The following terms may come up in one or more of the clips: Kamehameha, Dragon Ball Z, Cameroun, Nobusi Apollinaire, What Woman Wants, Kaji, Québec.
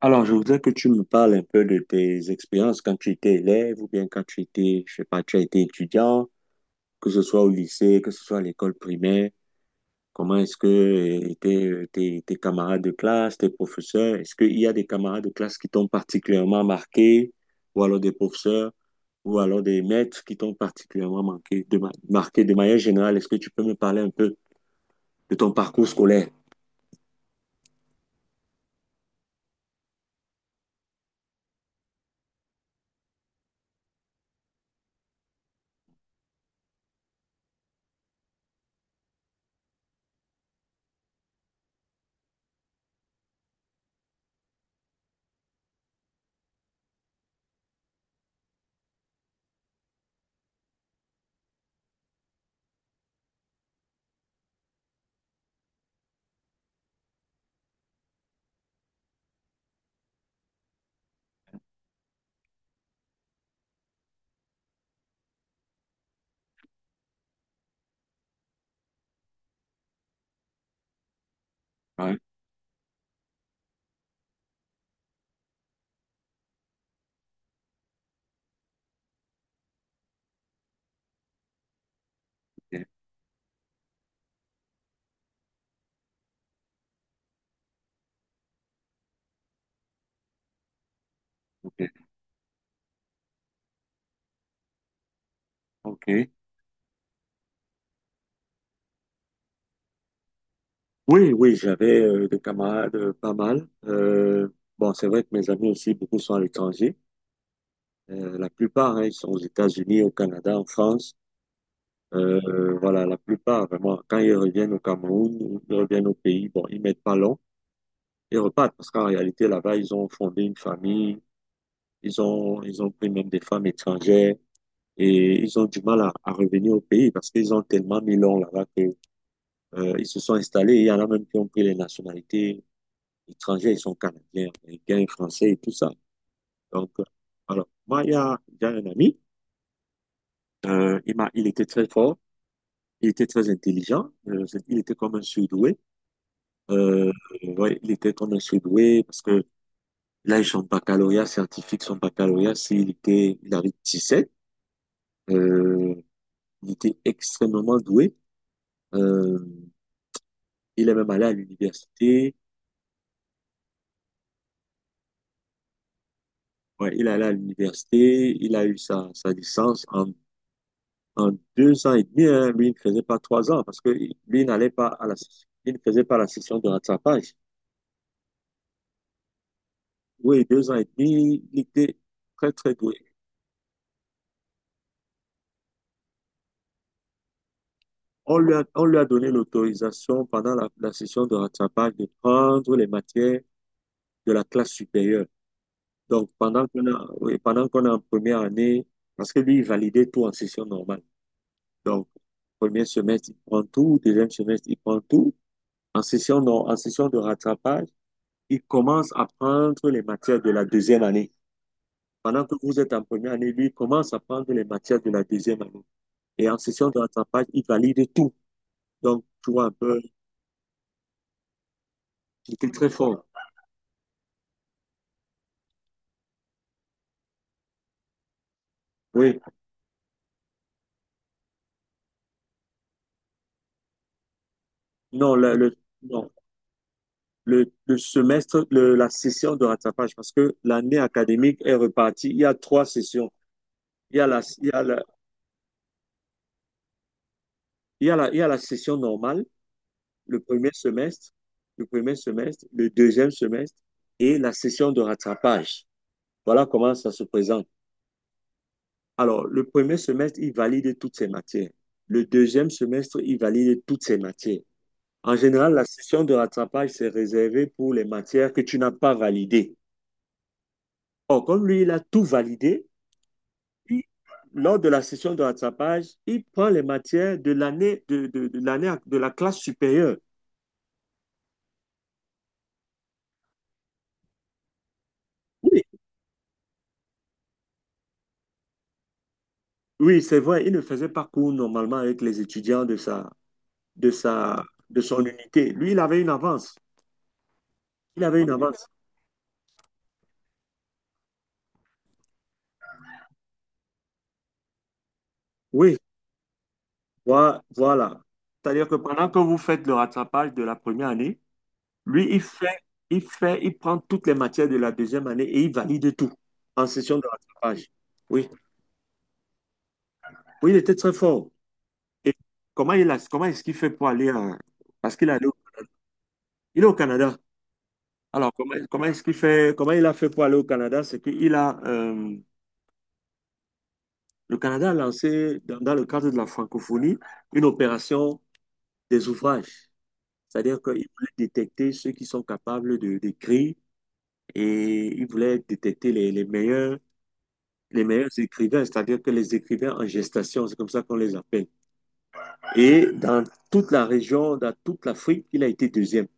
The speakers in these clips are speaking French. Alors, je voudrais que tu me parles un peu de tes expériences quand tu étais élève ou bien quand tu étais, je sais pas, tu as été étudiant, que ce soit au lycée, que ce soit à l'école primaire. Comment est-ce que tes camarades de classe, tes professeurs, est-ce qu'il y a des camarades de classe qui t'ont particulièrement marqué, ou alors des professeurs, ou alors des maîtres qui t'ont particulièrement marqué de manière générale? Est-ce que tu peux me parler un peu de ton parcours scolaire? Ouais, ok, ok. Ok. Oui, oui, j'avais des camarades pas mal. Bon, c'est vrai que mes amis aussi, beaucoup sont à l'étranger. La plupart, hein, ils sont aux États-Unis, au Canada, en France. Voilà, la plupart, vraiment, quand ils reviennent au Cameroun, ou ils reviennent au pays, bon, ils mettent pas long, ils repartent parce qu'en réalité, là-bas, ils ont fondé une famille, ils ont pris même des femmes étrangères et ils ont du mal à revenir au pays parce qu'ils ont tellement mis long là-bas que, ils se sont installés. Il y en a même qui ont pris les nationalités étrangers, ils sont canadiens, américains, français et tout ça. Donc, alors, moi, il y a un ami, il était très fort, il était très intelligent, il était comme un surdoué. Euh, ouais, il était comme un surdoué parce que là, son baccalauréat scientifique, il avait 17, euh, il était extrêmement doué. Euh, il est même allé à l'université, ouais, il est allé à l'université, il a eu sa licence en 2 ans et demi, hein, lui, il ne faisait pas 3 ans parce que lui il n'allait pas session. Il ne faisait pas la session de rattrapage. Oui, 2 ans et demi, il était très, très doué. On lui a donné l'autorisation pendant la session de rattrapage de prendre les matières de la classe supérieure. Donc, oui, pendant qu'on est en première année, parce que lui, il validait tout en session normale. Donc, premier semestre, il prend tout, deuxième semestre, il prend tout. En session, non, en session de rattrapage, il commence à prendre les matières de la deuxième année. Pendant que vous êtes en première année, lui il commence à prendre les matières de la deuxième année. Et en session de rattrapage, il valide tout. Donc, tu vois un peu, c'était très fort. Oui, non, non. La session de rattrapage, parce que l'année académique est repartie. Il y a trois sessions. Il y a la, il y a la, il y a la, il y a la session normale, le premier semestre, le premier semestre, le deuxième semestre et la session de rattrapage. Voilà comment ça se présente. Alors, le premier semestre, il valide toutes ses matières. Le deuxième semestre, il valide toutes ses matières. En général, la session de rattrapage, c'est réservé pour les matières que tu n'as pas validées. Or, comme lui, il a tout validé, il- lors de la session de rattrapage, il prend les matières de l'année de l'année de la classe supérieure. Oui, oui, c'est vrai, il ne faisait pas cours normalement avec les étudiants de sa, de son unité. Lui, il avait une avance. Il avait une avance. Oui. Voilà. C'est-à-dire que pendant que vous faites le rattrapage de la première année, lui, il prend toutes les matières de la deuxième année et il valide tout en session de rattrapage. Oui, oui, il était très fort. Et comment est-ce qu'il fait pour aller en-. Parce qu'il allait au-. Il est au Canada. Alors, comment, comment est-ce qu'il fait, comment il a fait pour aller au Canada? C'est qu'il a, le Canada a lancé, dans le cadre de la francophonie, une opération des ouvrages. C'est-à-dire qu'il voulait détecter ceux qui sont capables de, d'écrire et il voulait détecter les meilleurs écrivains, c'est-à-dire que les écrivains en gestation, c'est comme ça qu'on les appelle. Et dans toute la région, dans toute l'Afrique, il a été deuxième.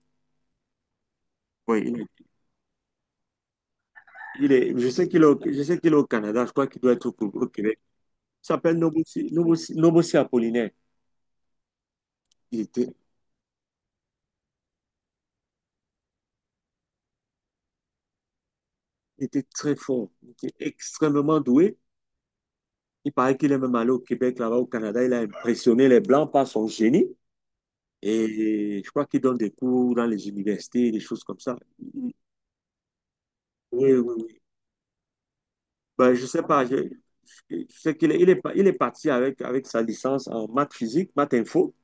Oui, il est, je sais qu'il est, je sais qu'il est au Canada, je crois qu'il doit être au, au Québec. Il s'appelle Nobusi Apollinaire. Il était, il était très fort, il était extrêmement doué. Il paraît qu'il est même allé au Québec, là-bas au Canada. Il a impressionné les Blancs par son génie. Et je crois qu'il donne des cours dans les universités, des choses comme ça. Oui, oui, oui. Ben, je sais pas. Je sais qu'il est, il est parti avec sa licence en maths physique, maths info.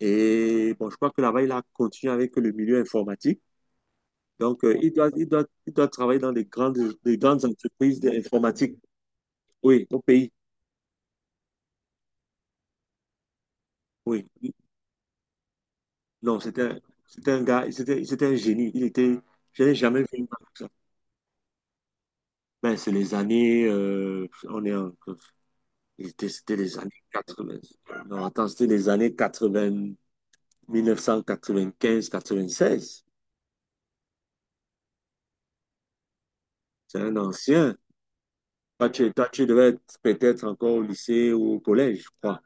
Et bon, je crois que là-bas, il a continué avec le milieu informatique. Donc, il doit travailler dans des grandes entreprises d'informatique. Oui, au pays. Oui. Non, c'était un gars, c'était un génie. Il était, je n'ai jamais vu une comme ça. Ben, c'est les années, on est en, c'était les années 80. Non, attends, c'était les années 80. 1995-96. C'est un ancien. Toi, tu devais être peut-être encore au lycée ou au collège, je crois.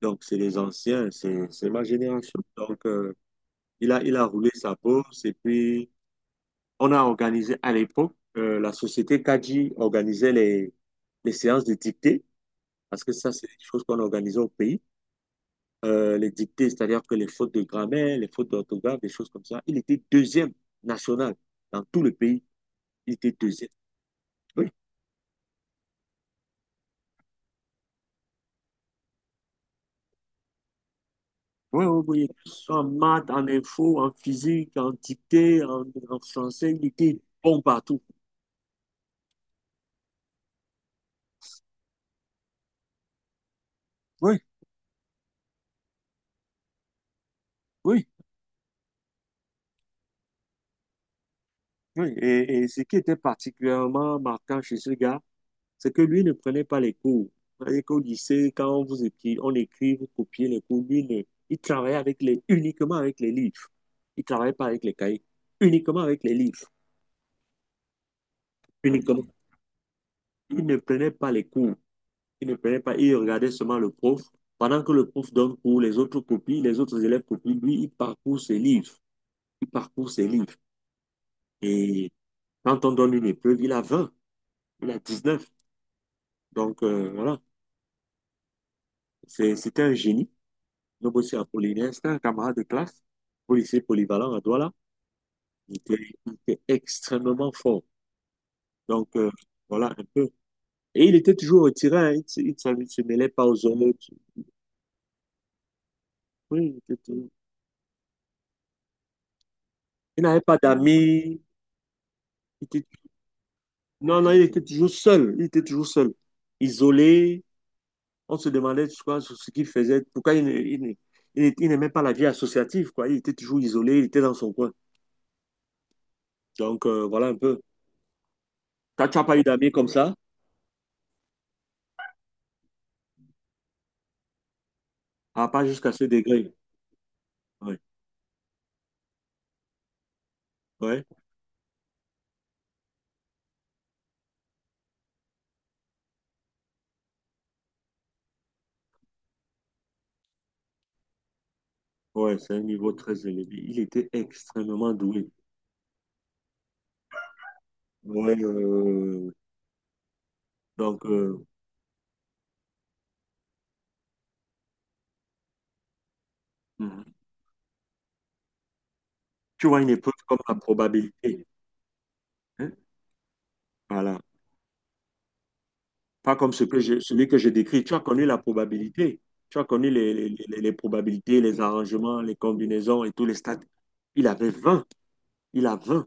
Donc, c'est les anciens, c'est ma génération. Donc, il a roulé sa bourse et puis on a organisé à l'époque, la société Kaji organisait les séances de dictée, parce que ça, c'est des choses qu'on organisait au pays. Les dictées, c'est-à-dire que les fautes de grammaire, les fautes d'orthographe, des choses comme ça. Il était deuxième national dans tout le pays. Il était deuxième. Oui. Oui, oui, oui. En maths, en info, en physique, en dictée, en français, il était bon partout. Oui, oui, oui. Et ce qui était particulièrement marquant chez ce gars, c'est que lui ne prenait pas les cours. C'est-à-dire qu'au lycée, quand on vous écrit, on écrit, vous copiez les cours, lui, il travaillait uniquement avec les livres. Il ne travaillait pas avec les cahiers, uniquement avec les livres, uniquement. Il ne prenait pas les cours. Il ne payait pas, il regardait seulement le prof. Pendant que le prof donne cours, les autres copient, les autres élèves copient, lui, il parcourt ses livres. Il parcourt ses livres. Et quand on donne une épreuve, il a 20. Il a 19. Donc, voilà, c'était un génie. Nobossy Apollinaire, c'était un camarade de classe, policier polyvalent à Douala. Il était, il était extrêmement fort. Donc, voilà, un peu. Et il était toujours retiré, hein. Il ne se mêlait pas aux autres. Oui, il n'avait pas d'amis. Il était. Non, non, il était toujours seul. Il était toujours seul. Isolé. On se demandait, tu vois, ce qu'il faisait, pourquoi il n'aimait pas la vie associative, quoi. Il était toujours isolé, il était dans son coin. Donc, voilà un peu. T'as- Tu n'as pas eu d'amis comme ça? Ah, pas jusqu'à ce degré. Ouais, ouais, ouais, c'est un niveau très élevé. Il était extrêmement doué. Ouais, donc, mhm. Tu vois une épreuve comme la probabilité. Hein. Voilà. Pas comme ce que je, celui que je décris. Tu as connu la probabilité. Tu as connu les, les probabilités, les arrangements, les combinaisons et tous les stats. Il avait 20. Il a 20.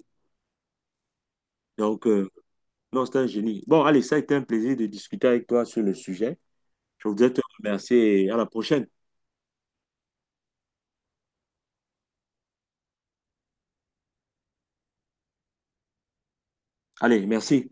Donc, non, c'est un génie. Bon, allez, ça a été un plaisir de discuter avec toi sur le sujet. Je voudrais te remercier et à la prochaine. Allez, merci.